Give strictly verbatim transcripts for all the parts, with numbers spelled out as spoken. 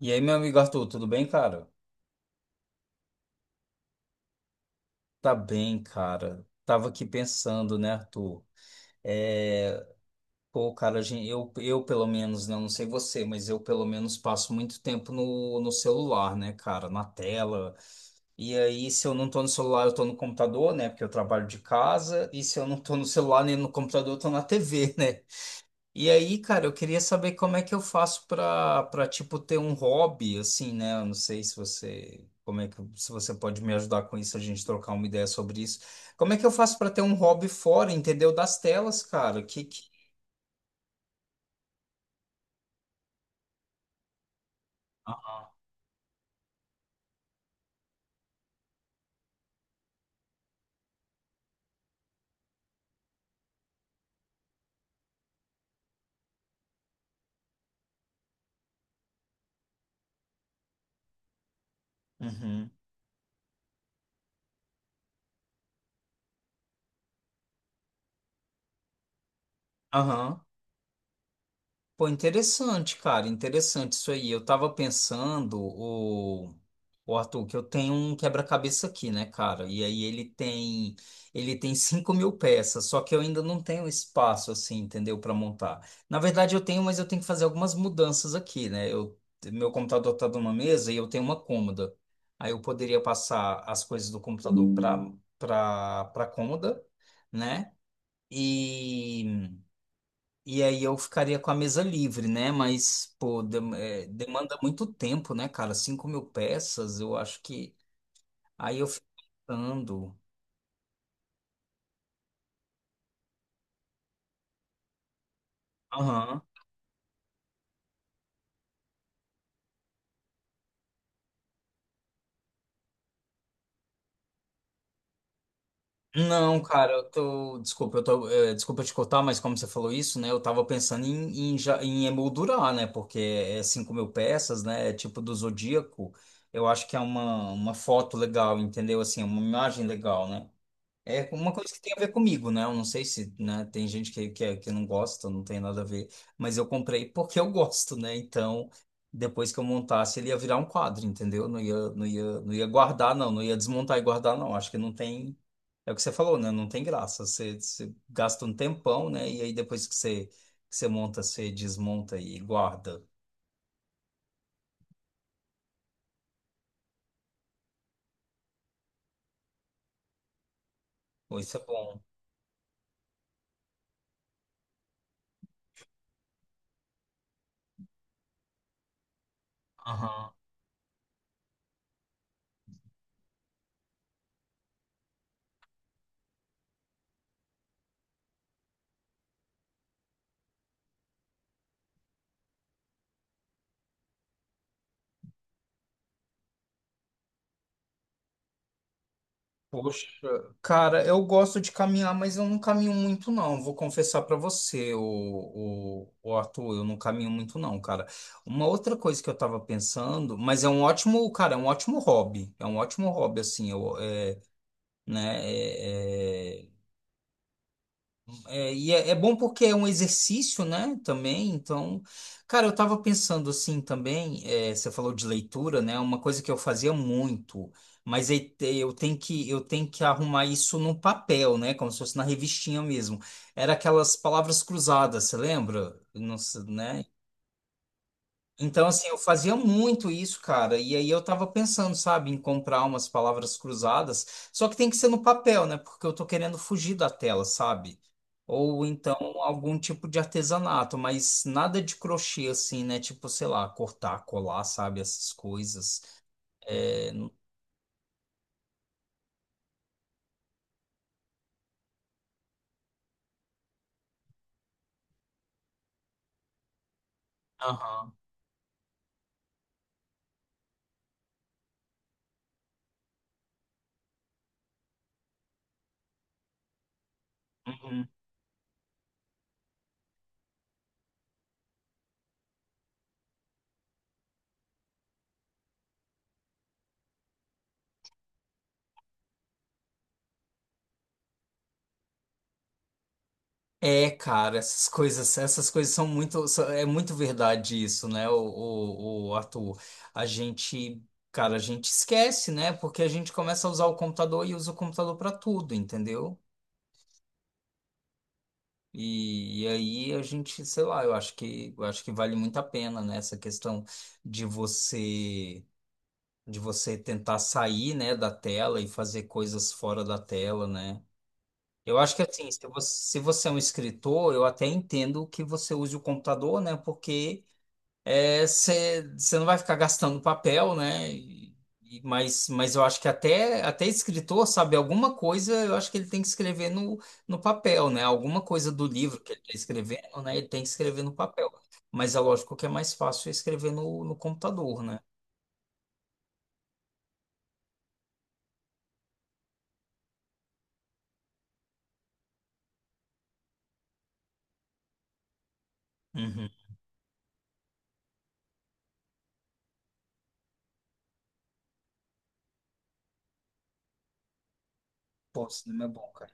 E aí, meu amigo Arthur, tudo bem, cara? Tá bem, cara. Tava aqui pensando, né, Arthur? É... Pô, cara, a gen- eu, eu pelo menos, né, não sei você, mas eu pelo menos passo muito tempo no, no celular, né, cara? Na tela. E aí, se eu não tô no celular, eu tô no computador, né? Porque eu trabalho de casa. E se eu não tô no celular nem no computador, eu tô na T V, né? E aí, cara, eu queria saber como é que eu faço pra para tipo ter um hobby assim, né? Eu não sei se você como é que se você pode me ajudar com isso, a gente trocar uma ideia sobre isso. Como é que eu faço pra ter um hobby fora, entendeu? Das telas, cara. Que que Uhum. Aham. Pô, interessante, cara, interessante isso aí. Eu tava pensando, o, o Arthur, que eu tenho um quebra-cabeça aqui, né, cara? E aí ele tem, ele tem cinco mil peças, só que eu ainda não tenho espaço, assim, entendeu, para montar. Na verdade, eu tenho, mas eu tenho que fazer algumas mudanças aqui, né? Eu, meu computador tá numa mesa e eu tenho uma cômoda. Aí eu poderia passar as coisas do computador para para para cômoda, né? E e aí eu ficaria com a mesa livre, né? Mas, pô, dem- é, demanda muito tempo, né, cara? Cinco mil peças, eu acho que. Aí eu fico pensando. Aham. Não, cara, eu tô. Desculpa, eu tô. é, desculpa te cortar, mas como você falou isso, né? Eu tava pensando em, em, já- em emoldurar, né? Porque é cinco mil peças, né? É tipo do Zodíaco. Eu acho que é uma, uma foto legal, entendeu? Assim, uma imagem legal, né? É uma coisa que tem a ver comigo, né? Eu não sei se, né, tem gente que, que, é, que não gosta, não tem nada a ver, mas eu comprei porque eu gosto, né? Então, depois que eu montasse, ele ia virar um quadro, entendeu? Não ia, não ia, não ia guardar, não, não ia desmontar e guardar, não. Acho que não tem. É o que você falou, né? Não tem graça. Você, você gasta um tempão, né? E aí depois que você, que você monta, você desmonta e guarda. Pô, isso é bom. Poxa, cara, eu gosto de caminhar, mas eu não caminho muito não. Vou confessar pra você, o, o Arthur, eu não caminho muito não, cara. Uma outra coisa que eu tava pensando, mas é um ótimo, cara, é um ótimo hobby. É um ótimo hobby assim, eu, é, né? é, é, é, e é, é bom porque é um exercício, né? Também. Então, cara, eu tava pensando assim também. é, você falou de leitura, né? Uma coisa que eu fazia muito, mas aí te- eu tenho que eu tenho que arrumar isso no papel, né? Como se fosse na revistinha mesmo. Era aquelas palavras cruzadas, você lembra? Não sei, né? Então, assim, eu fazia muito isso, cara. E aí eu tava pensando, sabe, em comprar umas palavras cruzadas. Só que tem que ser no papel, né? Porque eu tô querendo fugir da tela, sabe? Ou então algum tipo de artesanato, mas nada de crochê, assim, né? Tipo, sei lá, cortar, colar, sabe? Essas coisas. É... Aham. Uhum. É, cara, essas coisas, essas coisas são muito, são- é muito verdade isso, né, o, o, o Arthur? A gente, cara, a gente esquece, né? Porque a gente começa a usar o computador e usa o computador para tudo, entendeu? E, e aí a gente, sei lá, eu acho que, eu acho que vale muito a pena, né? Essa questão de você, de você tentar sair, né, da tela e fazer coisas fora da tela, né? Eu acho que assim, se você, se você é um escritor, eu até entendo que você use o computador, né? Porque é, você você não vai ficar gastando papel, né? E- e- mas, mas eu acho que até, até escritor, sabe, alguma coisa, eu acho que ele tem que escrever no, no papel, né? Alguma coisa do livro que ele está escrevendo, né? Ele tem que escrever no papel. Mas é lógico que é mais fácil escrever no, no computador, né? Uhum. Pô, cinema é bom, cara.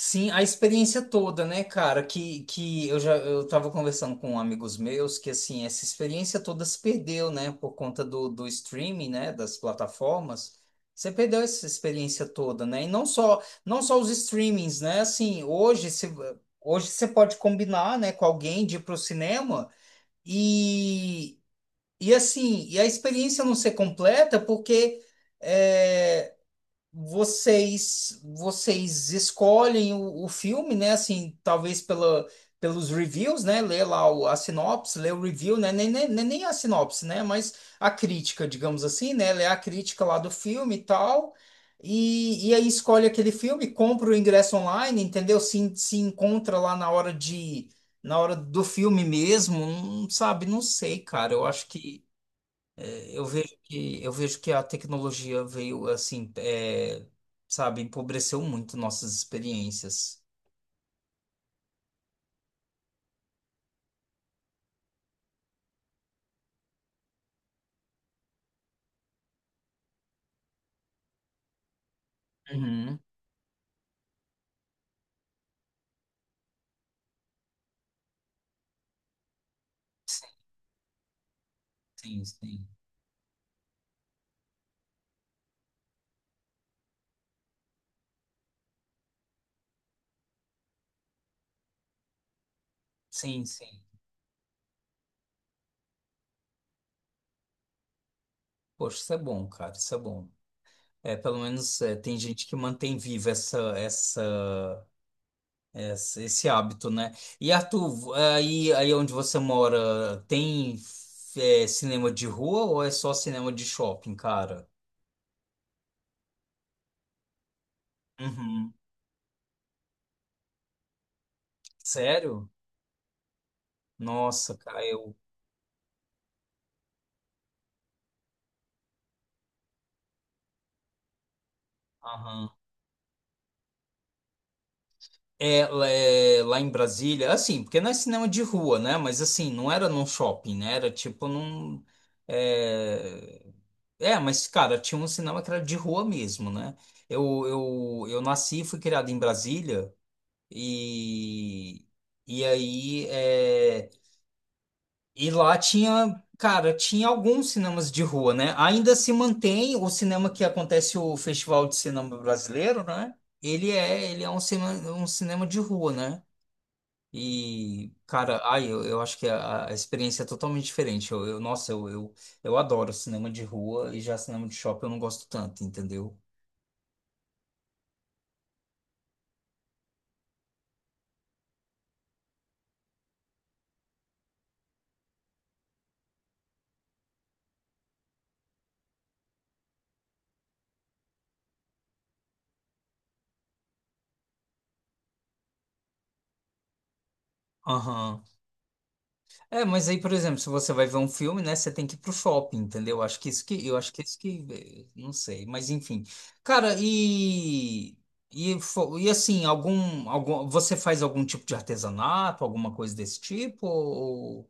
Sim, a experiência toda, né, cara? Que, que eu já eu tava conversando com amigos meus que assim, essa experiência toda se perdeu, né, por conta do, do streaming, né, das plataformas. Você perdeu essa experiência toda, né? E não só não só os streamings, né? Assim, hoje se, hoje você pode combinar, né, com alguém de ir pro cinema e e assim, e a experiência não ser completa porque eh, vocês vocês escolhem o, o filme, né? Assim, talvez pela, pelos reviews, né? Lê lá o, a sinopse, lê o review, né? Nem, nem, nem nem a sinopse, né? Mas a crítica, digamos assim, né? Lê a crítica lá do filme e tal. E, e aí escolhe aquele filme, compra o ingresso online, entendeu? Se, se encontra lá na hora de, na hora do filme mesmo, não sabe? Não sei, cara. Eu acho que eu vejo que, eu vejo que a tecnologia veio assim, é, sabe, empobreceu muito nossas experiências. Uhum. Sim, sim. Sim, sim. Poxa, isso é bom, cara, isso é bom. É, pelo menos é, tem gente que mantém viva essa, essa, essa- esse hábito, né? E Arthur, vo- aí, aí onde você mora, tem é, cinema de rua ou é só cinema de shopping, cara? Uhum. Sério? Nossa, cara, eu. Aham. É, lá é, lá em Brasília, assim, porque não é cinema de rua, né? Mas assim, não era num shopping, né? Era tipo num. É, é, mas cara, tinha um cinema que era de rua mesmo, né? Eu, eu, eu nasci e fui criado em Brasília e. E aí. É, e lá tinha. Cara, tinha alguns cinemas de rua, né? Ainda se mantém o cinema que acontece o Festival de Cinema Brasileiro, né? Ele é, ele é um cinema, um cinema de rua, né? E, cara, ai, eu, eu acho que a, a experiência é totalmente diferente. Eu, eu- nossa, eu, eu, eu adoro cinema de rua e já cinema de shopping eu não gosto tanto, entendeu? Aham. É, mas aí, por exemplo, se você vai ver um filme, né, você tem que ir pro shopping, entendeu? Acho que isso que, eu acho que é isso que, eh, não sei, mas enfim. Cara, e e, fo- e assim, algum, algum você faz algum tipo de artesanato, alguma coisa desse tipo? Ou...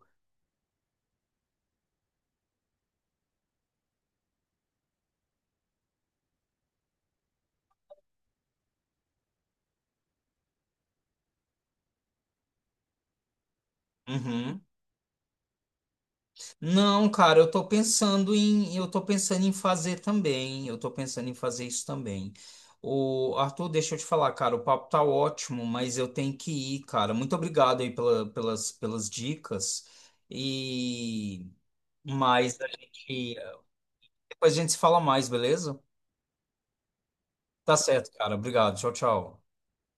Uhum. Não, cara, eu tô pensando em, eu tô pensando em fazer também. Eu tô pensando em fazer isso também. O Arthur, deixa eu te falar, cara, o papo tá ótimo, mas eu tenho que ir, cara. Muito obrigado aí pela- pelas, pelas dicas. E mais a gente, depois a gente se fala mais, beleza? Tá certo, cara. Obrigado. Tchau, tchau.